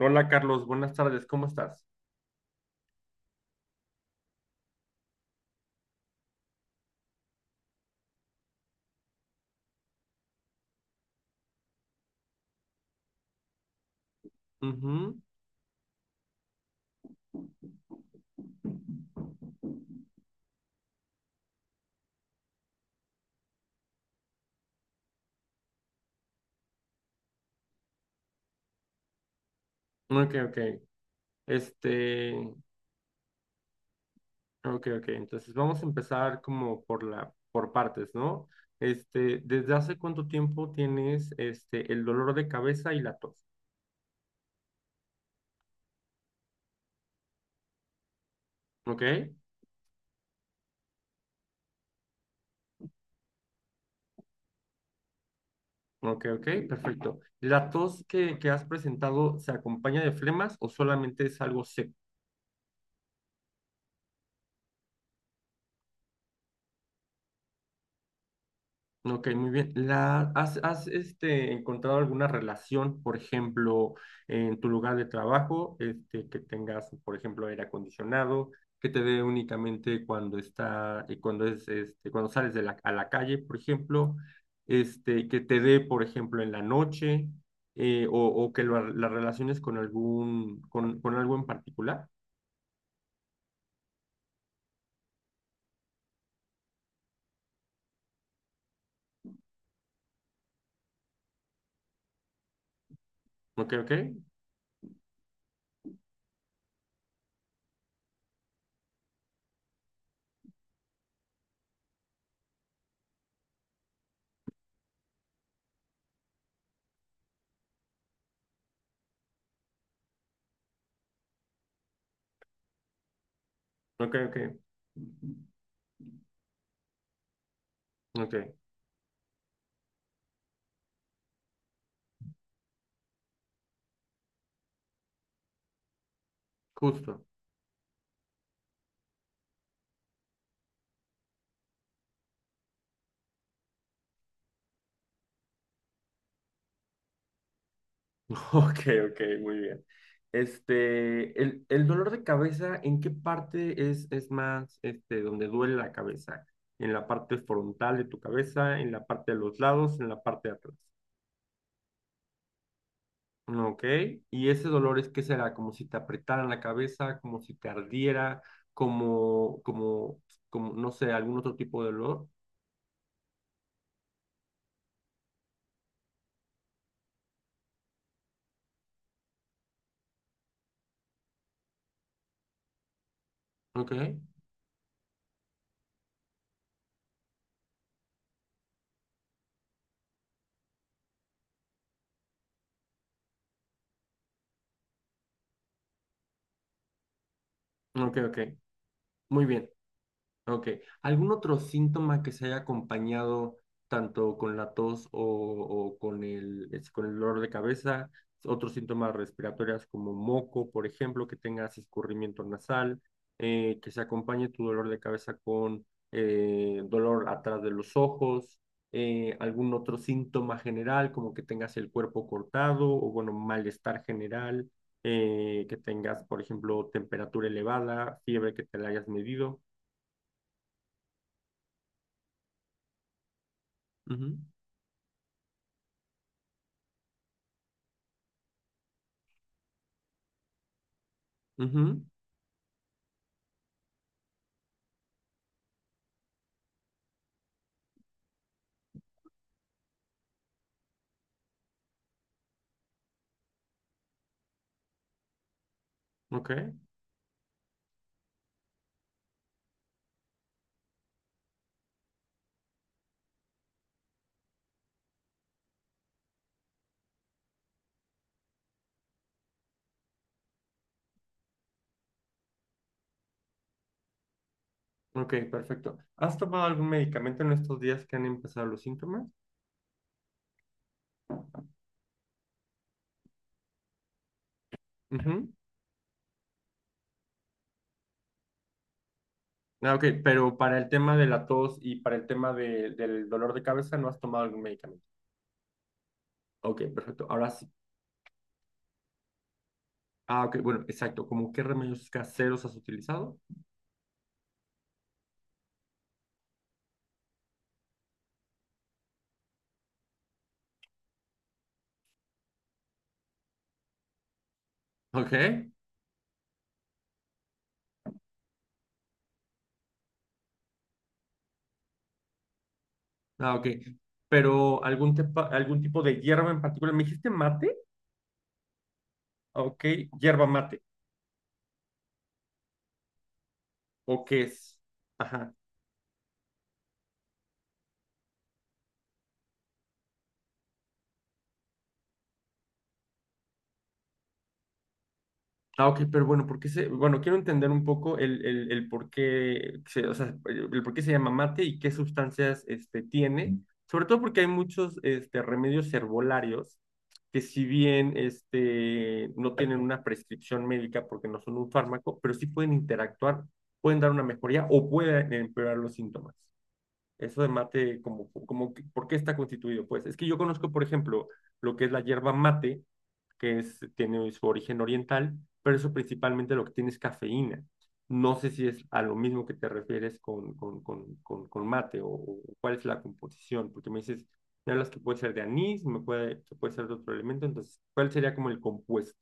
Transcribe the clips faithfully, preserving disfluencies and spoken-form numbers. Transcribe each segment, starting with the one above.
Hola Carlos, buenas tardes, ¿cómo estás? Ujú. Ok, ok. Este, ok, ok. Entonces vamos a empezar como por la, por partes, ¿no? Este, ¿desde hace cuánto tiempo tienes este el dolor de cabeza y la tos? Ok, ok, ok, perfecto. ¿La tos que, que has presentado se acompaña de flemas o solamente es algo seco? Ok, muy bien. La, ¿has, has, este, encontrado alguna relación, por ejemplo, en tu lugar de trabajo, este, que tengas, por ejemplo, aire acondicionado, que te dé únicamente cuando está, eh, cuando es, este, cuando sales de la, a la calle, por ejemplo, este, que te dé, por ejemplo, en la noche, eh, o, o que lo, la relaciones con algún, con, con algo en particular? Ok, ok, ok, ok, ok, justo. Ok, ok, muy bien. Este, el, el dolor de cabeza, ¿en qué parte es, es más, este, donde duele la cabeza? ¿En la parte frontal de tu cabeza, en la parte de los lados, en la parte de atrás? Ok, y ese dolor es que será como si te apretaran la cabeza, como si te ardiera, como, como, como, no sé, algún otro tipo de dolor. Ok, ok, ok, muy bien. Ok. ¿Algún otro síntoma que se haya acompañado tanto con la tos o, o con el, es- con el dolor de cabeza? Otros síntomas respiratorios como moco, por ejemplo, que tengas escurrimiento nasal, eh, que se acompañe tu dolor de cabeza con eh, dolor atrás de los ojos, eh, algún otro síntoma general como que tengas el cuerpo cortado o bueno, malestar general, eh, que tengas, por ejemplo, temperatura elevada, fiebre que te la hayas medido. Ujú. Ujú. Ok, ok, perfecto. ¿Has tomado algún medicamento en estos días que han empezado los síntomas? Ujú. Ah, ok, pero para el tema de la tos y para el tema de- del dolor de cabeza, ¿no has tomado algún medicamento? Ok, perfecto. Ahora sí. Ah, ok, bueno, exacto. ¿Cómo qué remedios caseros has utilizado? Ok. Ah, ok. Pero algún, tepa- algún tipo de hierba en particular. ¿Me dijiste mate? Ok, hierba mate. ¿O qué es? Ajá. Ah, ok, pero bueno. ¿Por qué se, bueno, quiero entender un poco el, el, el por qué se, o sea, el por qué se llama mate y qué sustancias este, tiene, sobre todo porque hay muchos este, remedios herbolarios que si bien este, no tienen una prescripción médica porque no son un fármaco, pero sí pueden interactuar, pueden dar una mejoría o pueden empeorar los síntomas. Eso de mate, como, como, que- ¿por qué está constituido? Pues es que yo conozco, por ejemplo, lo que es la hierba mate, que es, tiene su origen oriental, pero eso principalmente lo que tiene es cafeína. No sé si es a lo mismo que te refieres con, con, con, con, con mate o, o cuál es la composición, porque me dices, me hablas que puede ser de anís, me puede, que puede ser de otro elemento, entonces, ¿cuál sería como el compuesto?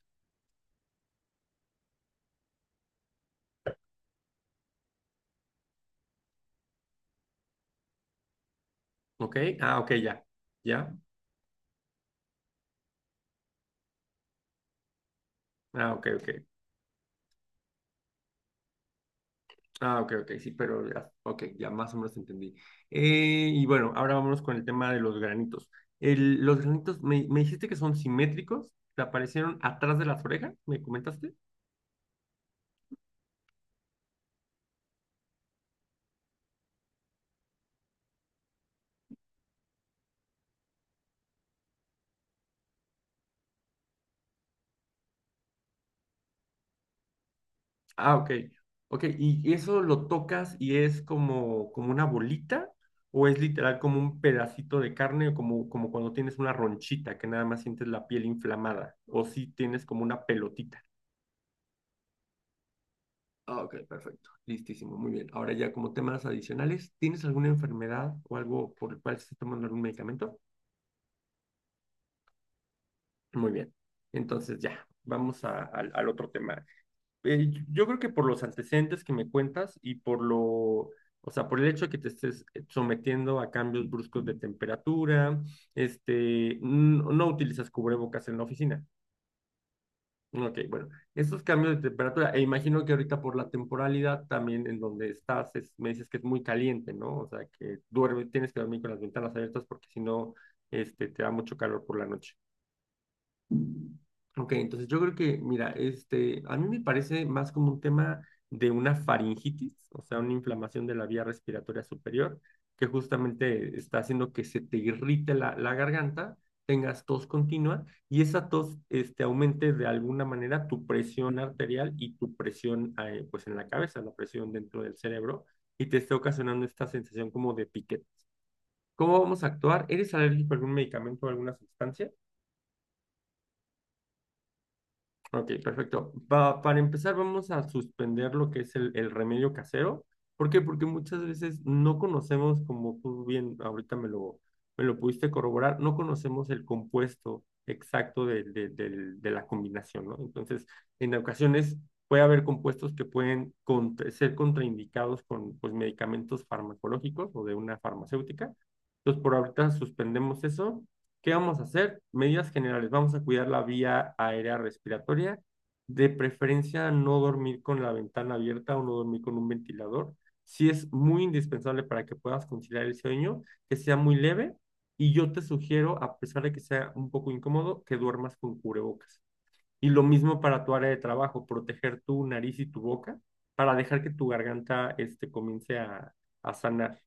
¿Ok? Ah, ok, ya. ¿Ya? Ah, ok, ok. Ah, ok, ok, sí, pero ya, ok, ya más o menos entendí. Eh, y bueno, ahora vámonos con el tema de los granitos. El- los granitos, me, me dijiste que son simétricos, te aparecieron atrás de las orejas, ¿me comentaste? Ah, ok, ok, ¿y eso lo tocas y es como, como una bolita o es literal como un pedacito de carne o como, como cuando tienes una ronchita que nada más sientes la piel inflamada o si tienes como una pelotita? Ah, ok, perfecto. Listísimo, muy bien. Ahora ya como temas adicionales, ¿tienes alguna enfermedad o algo por el cual estás tomando algún medicamento? Muy bien. Entonces ya, vamos a- al al otro tema. Eh, yo creo que por los antecedentes que me cuentas y por lo, o sea, por el hecho de que te estés sometiendo a cambios bruscos de temperatura, este, no, no utilizas cubrebocas en la oficina. Ok, bueno, estos cambios de temperatura, e imagino que ahorita por la temporalidad también en donde estás, es- me dices que es muy caliente, ¿no? O sea, que duerme, tienes que dormir con las ventanas abiertas porque si no, este, te da mucho calor por la noche. Ok, entonces yo creo que, mira, este, a mí me parece más como un tema de una faringitis, o sea, una inflamación de la vía respiratoria superior, que justamente está haciendo que se te irrite la, la garganta, tengas tos continua y esa tos, este, aumente de alguna manera tu presión arterial y tu presión, eh, pues en la cabeza, la presión dentro del cerebro y te esté ocasionando esta sensación como de piquete. ¿Cómo vamos a actuar? ¿Eres alérgico a algún medicamento o alguna sustancia? Ok, perfecto. Pa- para empezar, vamos a suspender lo que es el, el remedio casero. ¿Por qué? Porque muchas veces no conocemos, como tú bien ahorita me lo, me lo pudiste corroborar, no conocemos el compuesto exacto de, de, del- de la combinación, ¿no? Entonces, en ocasiones puede haber compuestos que pueden contra- ser contraindicados con pues, medicamentos farmacológicos o de una farmacéutica. Entonces, por ahorita suspendemos eso. ¿Qué vamos a hacer? Medidas generales. Vamos a cuidar la vía aérea respiratoria. De preferencia, no dormir con la ventana abierta o no dormir con un ventilador. Si es muy indispensable para que puedas conciliar el sueño, que sea muy leve. Y yo te sugiero, a pesar de que sea un poco incómodo, que duermas con cubrebocas. Y lo mismo para tu área de trabajo, proteger tu nariz y tu boca para dejar que tu garganta este, comience a, a sanar.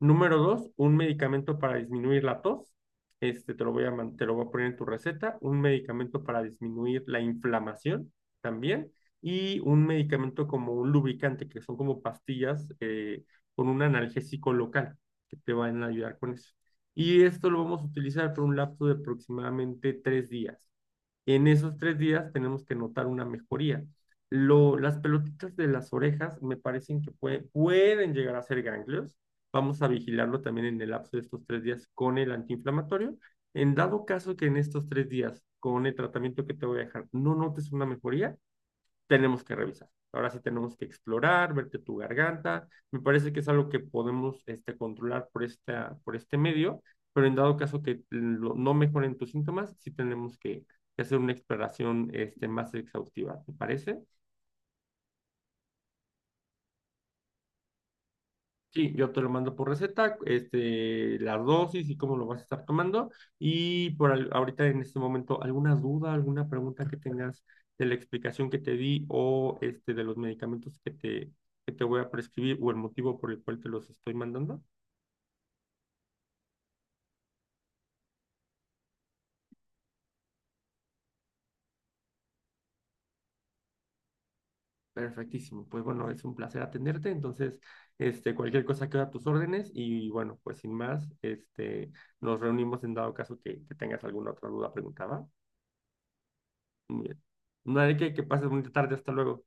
Número dos, un medicamento para disminuir la tos. Este, te lo voy a, man- te lo voy a poner en tu receta. Un medicamento para disminuir la inflamación también. Y un medicamento como un lubricante, que son como pastillas eh, con un analgésico local que te van a ayudar con eso. Y esto lo vamos a utilizar por un lapso de aproximadamente tres días. En esos tres días tenemos que notar una mejoría. Lo, las pelotitas de las orejas me parecen que puede- pueden llegar a ser ganglios. Vamos a vigilarlo también en el lapso de estos tres días con el antiinflamatorio. En dado caso que en estos tres días, con el tratamiento que te voy a dejar, no notes una mejoría, tenemos que revisar. Ahora sí tenemos que explorar, verte tu garganta. Me parece que es algo que podemos este, controlar por, esta, por este medio, pero en dado caso que lo- no mejoren tus síntomas, sí tenemos que, que hacer una exploración este, más exhaustiva. ¿Te parece? Sí, yo te lo mando por receta, este, las dosis y cómo lo vas a estar tomando. Y por al- ahorita en este momento, ¿alguna duda, alguna pregunta que tengas de la explicación que te di o este de los medicamentos que te, que te voy a prescribir o el motivo por el cual te los estoy mandando? Perfectísimo. Pues bueno, es un placer atenderte. Entonces, este, cualquier cosa queda a tus órdenes y bueno, pues sin más, este, nos reunimos en dado caso que, que tengas alguna otra duda, pregunta, ¿va? Muy bien. No hay que, que pases bonita tarde. Hasta luego.